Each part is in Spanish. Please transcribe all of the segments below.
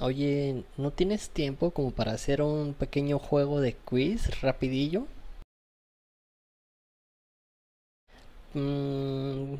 Oye, ¿no tienes tiempo como para hacer un pequeño juego de quiz rapidillo? Mm,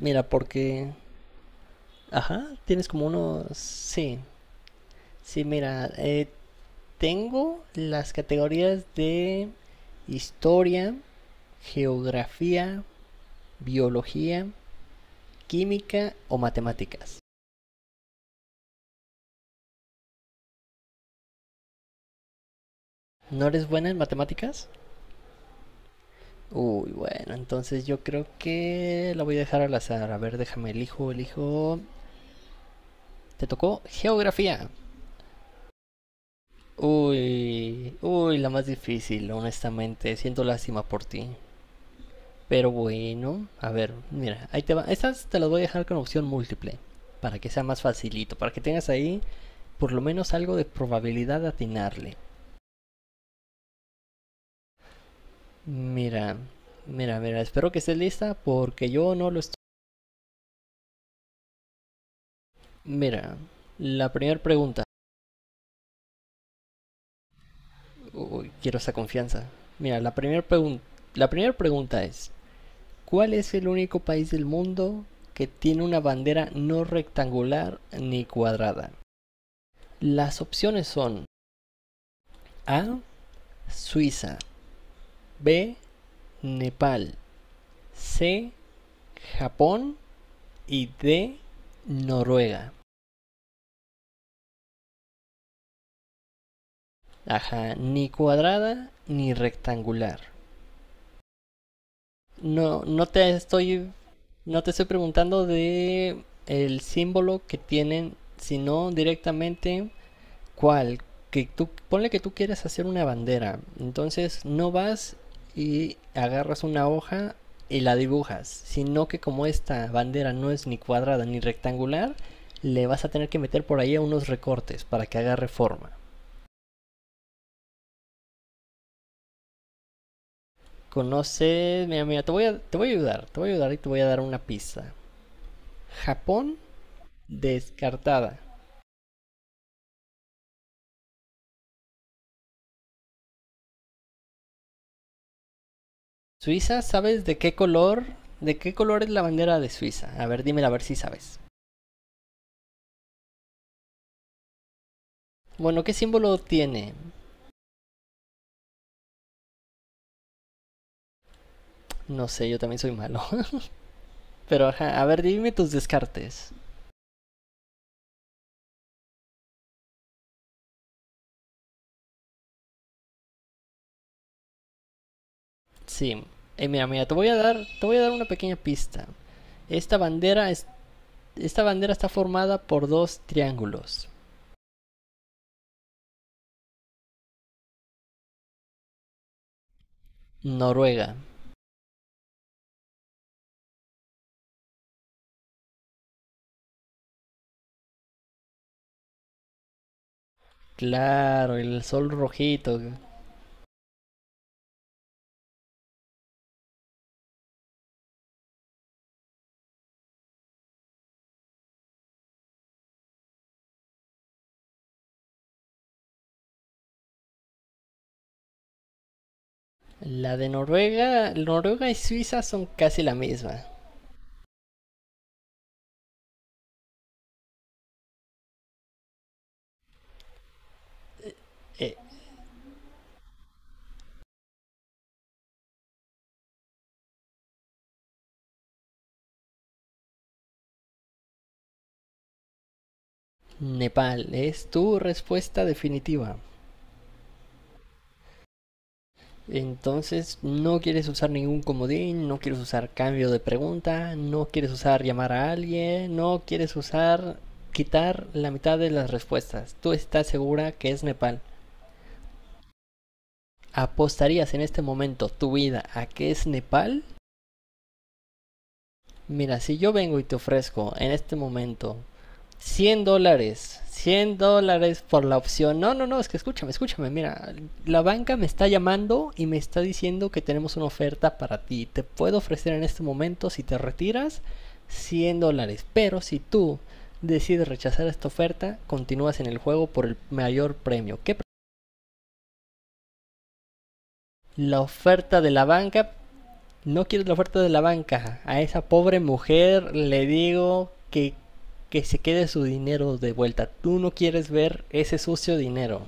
mira, porque. Ajá, tienes como unos. Sí, sí, mira, tengo las categorías de historia, geografía, biología, química o matemáticas. ¿No eres buena en matemáticas? Uy, bueno, entonces yo creo que la voy a dejar al azar. A ver, déjame, elijo, elijo. Te tocó geografía. Uy, uy, la más difícil, honestamente. Siento lástima por ti. Pero bueno, a ver, mira, ahí te va. Estas te las voy a dejar con opción múltiple, para que sea más facilito, para que tengas ahí por lo menos algo de probabilidad de atinarle. Mira, espero que estés lista porque yo no lo estoy. Mira, la primera pregunta. Uy, quiero esa confianza. Mira, la primera pregunta es: ¿cuál es el único país del mundo que tiene una bandera no rectangular ni cuadrada? Las opciones son A, Suiza; B, Nepal; C, Japón; y D, Noruega. Ajá, ni cuadrada ni rectangular. No, no te estoy preguntando de el símbolo que tienen, sino directamente cual, que tú, ponle que tú quieres hacer una bandera, entonces no vas y agarras una hoja y la dibujas, sino que como esta bandera no es ni cuadrada ni rectangular, le vas a tener que meter por ahí unos recortes para que agarre forma. Conoces, mira, te voy a ayudar, y te voy a dar una pista. Japón, descartada. Suiza, ¿sabes de qué color? ¿De qué color es la bandera de Suiza? A ver, dímela a ver si sabes. Bueno, ¿qué símbolo tiene? No sé, yo también soy malo. Pero ajá, a ver, dime tus descartes. Sí. Mira, te voy a dar una pequeña pista. Esta bandera es, Esta bandera está formada por dos triángulos. Noruega. Claro, el sol rojito. Noruega y Suiza son casi la misma. Eh, Nepal, es tu respuesta definitiva. Entonces, no quieres usar ningún comodín, no quieres usar cambio de pregunta, no quieres usar llamar a alguien, no quieres usar quitar la mitad de las respuestas. Tú estás segura que es Nepal. ¿Apostarías en este momento tu vida a que es Nepal? Mira, si yo vengo y te ofrezco en este momento $100. Cien dólares por la opción. No, no, no, es que escúchame, escúchame. Mira, la banca me está llamando y me está diciendo que tenemos una oferta para ti. Te puedo ofrecer en este momento, si te retiras, $100. Pero si tú decides rechazar esta oferta, continúas en el juego por el mayor premio. ¿Qué la oferta de la banca? No quiero la oferta de la banca. A esa pobre mujer le digo que, se quede su dinero de vuelta. Tú no quieres ver ese sucio dinero.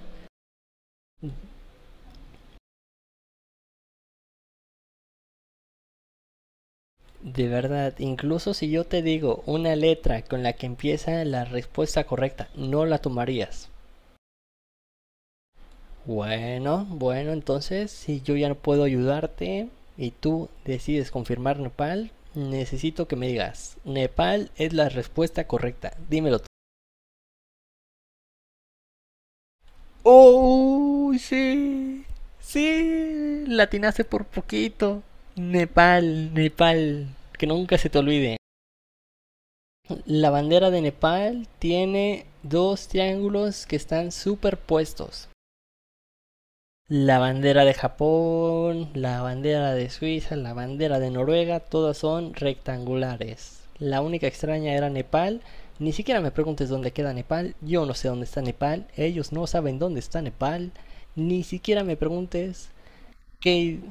De verdad, incluso si yo te digo una letra con la que empieza la respuesta correcta, no la tomarías. Bueno, entonces si yo ya no puedo ayudarte y tú decides confirmar Nepal, necesito que me digas: Nepal es la respuesta correcta. Dímelo tú. ¡Oh! Sí. Sí. Latinaste por poquito. Nepal, Nepal. Que nunca se te olvide. La bandera de Nepal tiene dos triángulos que están superpuestos. La bandera de Japón, la bandera de Suiza, la bandera de Noruega, todas son rectangulares. La única extraña era Nepal. Ni siquiera me preguntes dónde queda Nepal. Yo no sé dónde está Nepal. Ellos no saben dónde está Nepal. Ni siquiera me preguntes qué.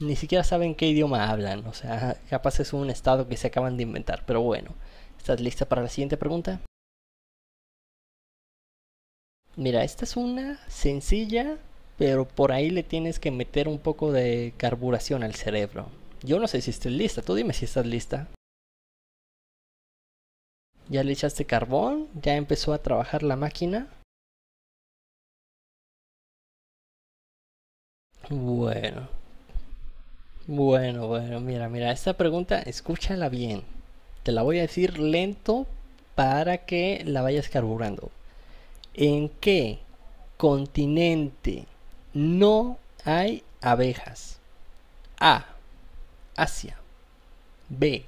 Ni siquiera saben qué idioma hablan. O sea, capaz es un estado que se acaban de inventar. Pero bueno, ¿estás lista para la siguiente pregunta? Mira, esta es una sencilla, pero por ahí le tienes que meter un poco de carburación al cerebro. Yo no sé si estés lista, tú dime si estás lista. Ya le echaste carbón, ya empezó a trabajar la máquina. Bueno, bueno, mira, esta pregunta escúchala bien. Te la voy a decir lento para que la vayas carburando. ¿En qué continente no hay abejas? A. Asia. B.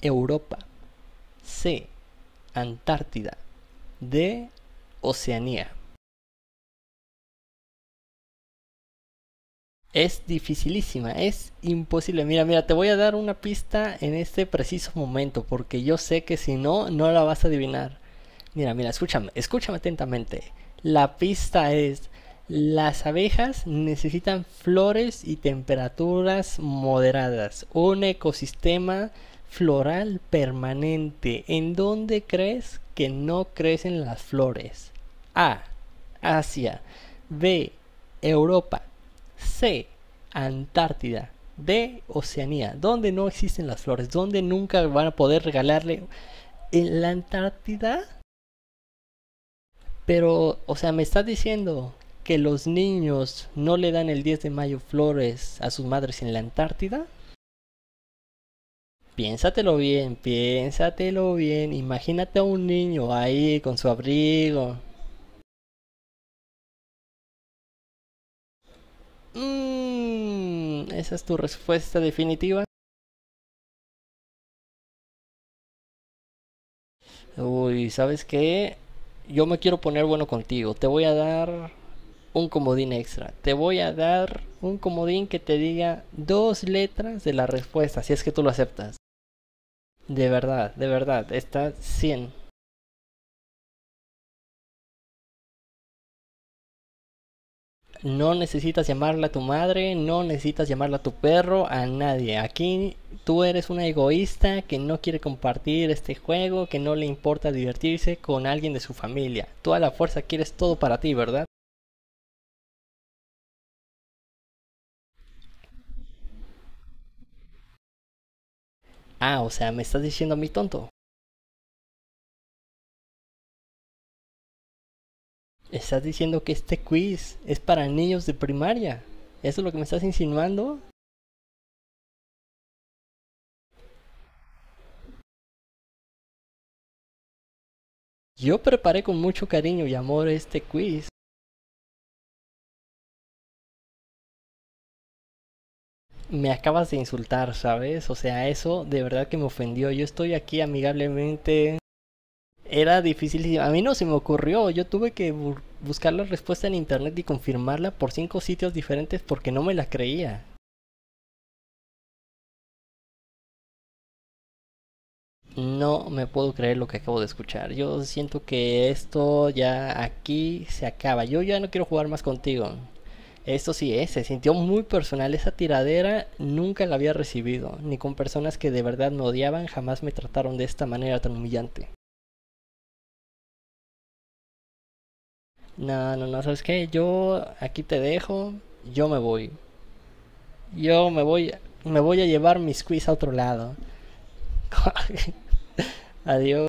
Europa. C. Antártida. D. Oceanía. Es dificilísima, es imposible. Mira, te voy a dar una pista en este preciso momento, porque yo sé que si no, no la vas a adivinar. Mira, escúchame, escúchame atentamente. La pista es: las abejas necesitan flores y temperaturas moderadas, un ecosistema floral permanente. ¿En dónde crees que no crecen las flores? A, Asia. B, Europa. C. Antártida. D. Oceanía. Donde no existen las flores. Donde nunca van a poder regalarle. En la Antártida. Pero, o sea, me estás diciendo que los niños no le dan el 10 de mayo flores a sus madres en la Antártida. Piénsatelo bien, piénsatelo bien. Imagínate a un niño ahí con su abrigo. ¿Esa es tu respuesta definitiva? Uy, ¿sabes qué? Yo me quiero poner bueno contigo. Te voy a dar un comodín extra. Te voy a dar un comodín que te diga dos letras de la respuesta, si es que tú lo aceptas. De verdad, está cien. No necesitas llamarla a tu madre, no necesitas llamarla a tu perro, a nadie. Aquí tú eres una egoísta que no quiere compartir este juego, que no le importa divertirse con alguien de su familia. Tú a la fuerza quieres todo para ti, ¿verdad? Ah, o sea, me estás diciendo a mí tonto. ¿Estás diciendo que este quiz es para niños de primaria? ¿Eso es lo que me estás insinuando? Yo preparé con mucho cariño y amor este quiz. Me acabas de insultar, ¿sabes? O sea, eso de verdad que me ofendió. Yo estoy aquí amigablemente. Era difícil. A mí no se me ocurrió. Yo tuve que buscar la respuesta en internet y confirmarla por cinco sitios diferentes porque no me la creía. No me puedo creer lo que acabo de escuchar. Yo siento que esto ya aquí se acaba. Yo ya no quiero jugar más contigo. Se sintió muy personal. Esa tiradera nunca la había recibido, ni con personas que de verdad me odiaban jamás me trataron de esta manera tan humillante. No, no, no, ¿sabes qué? Yo aquí te dejo, yo me voy. Yo me voy a llevar mis quiz a otro lado. Adiós.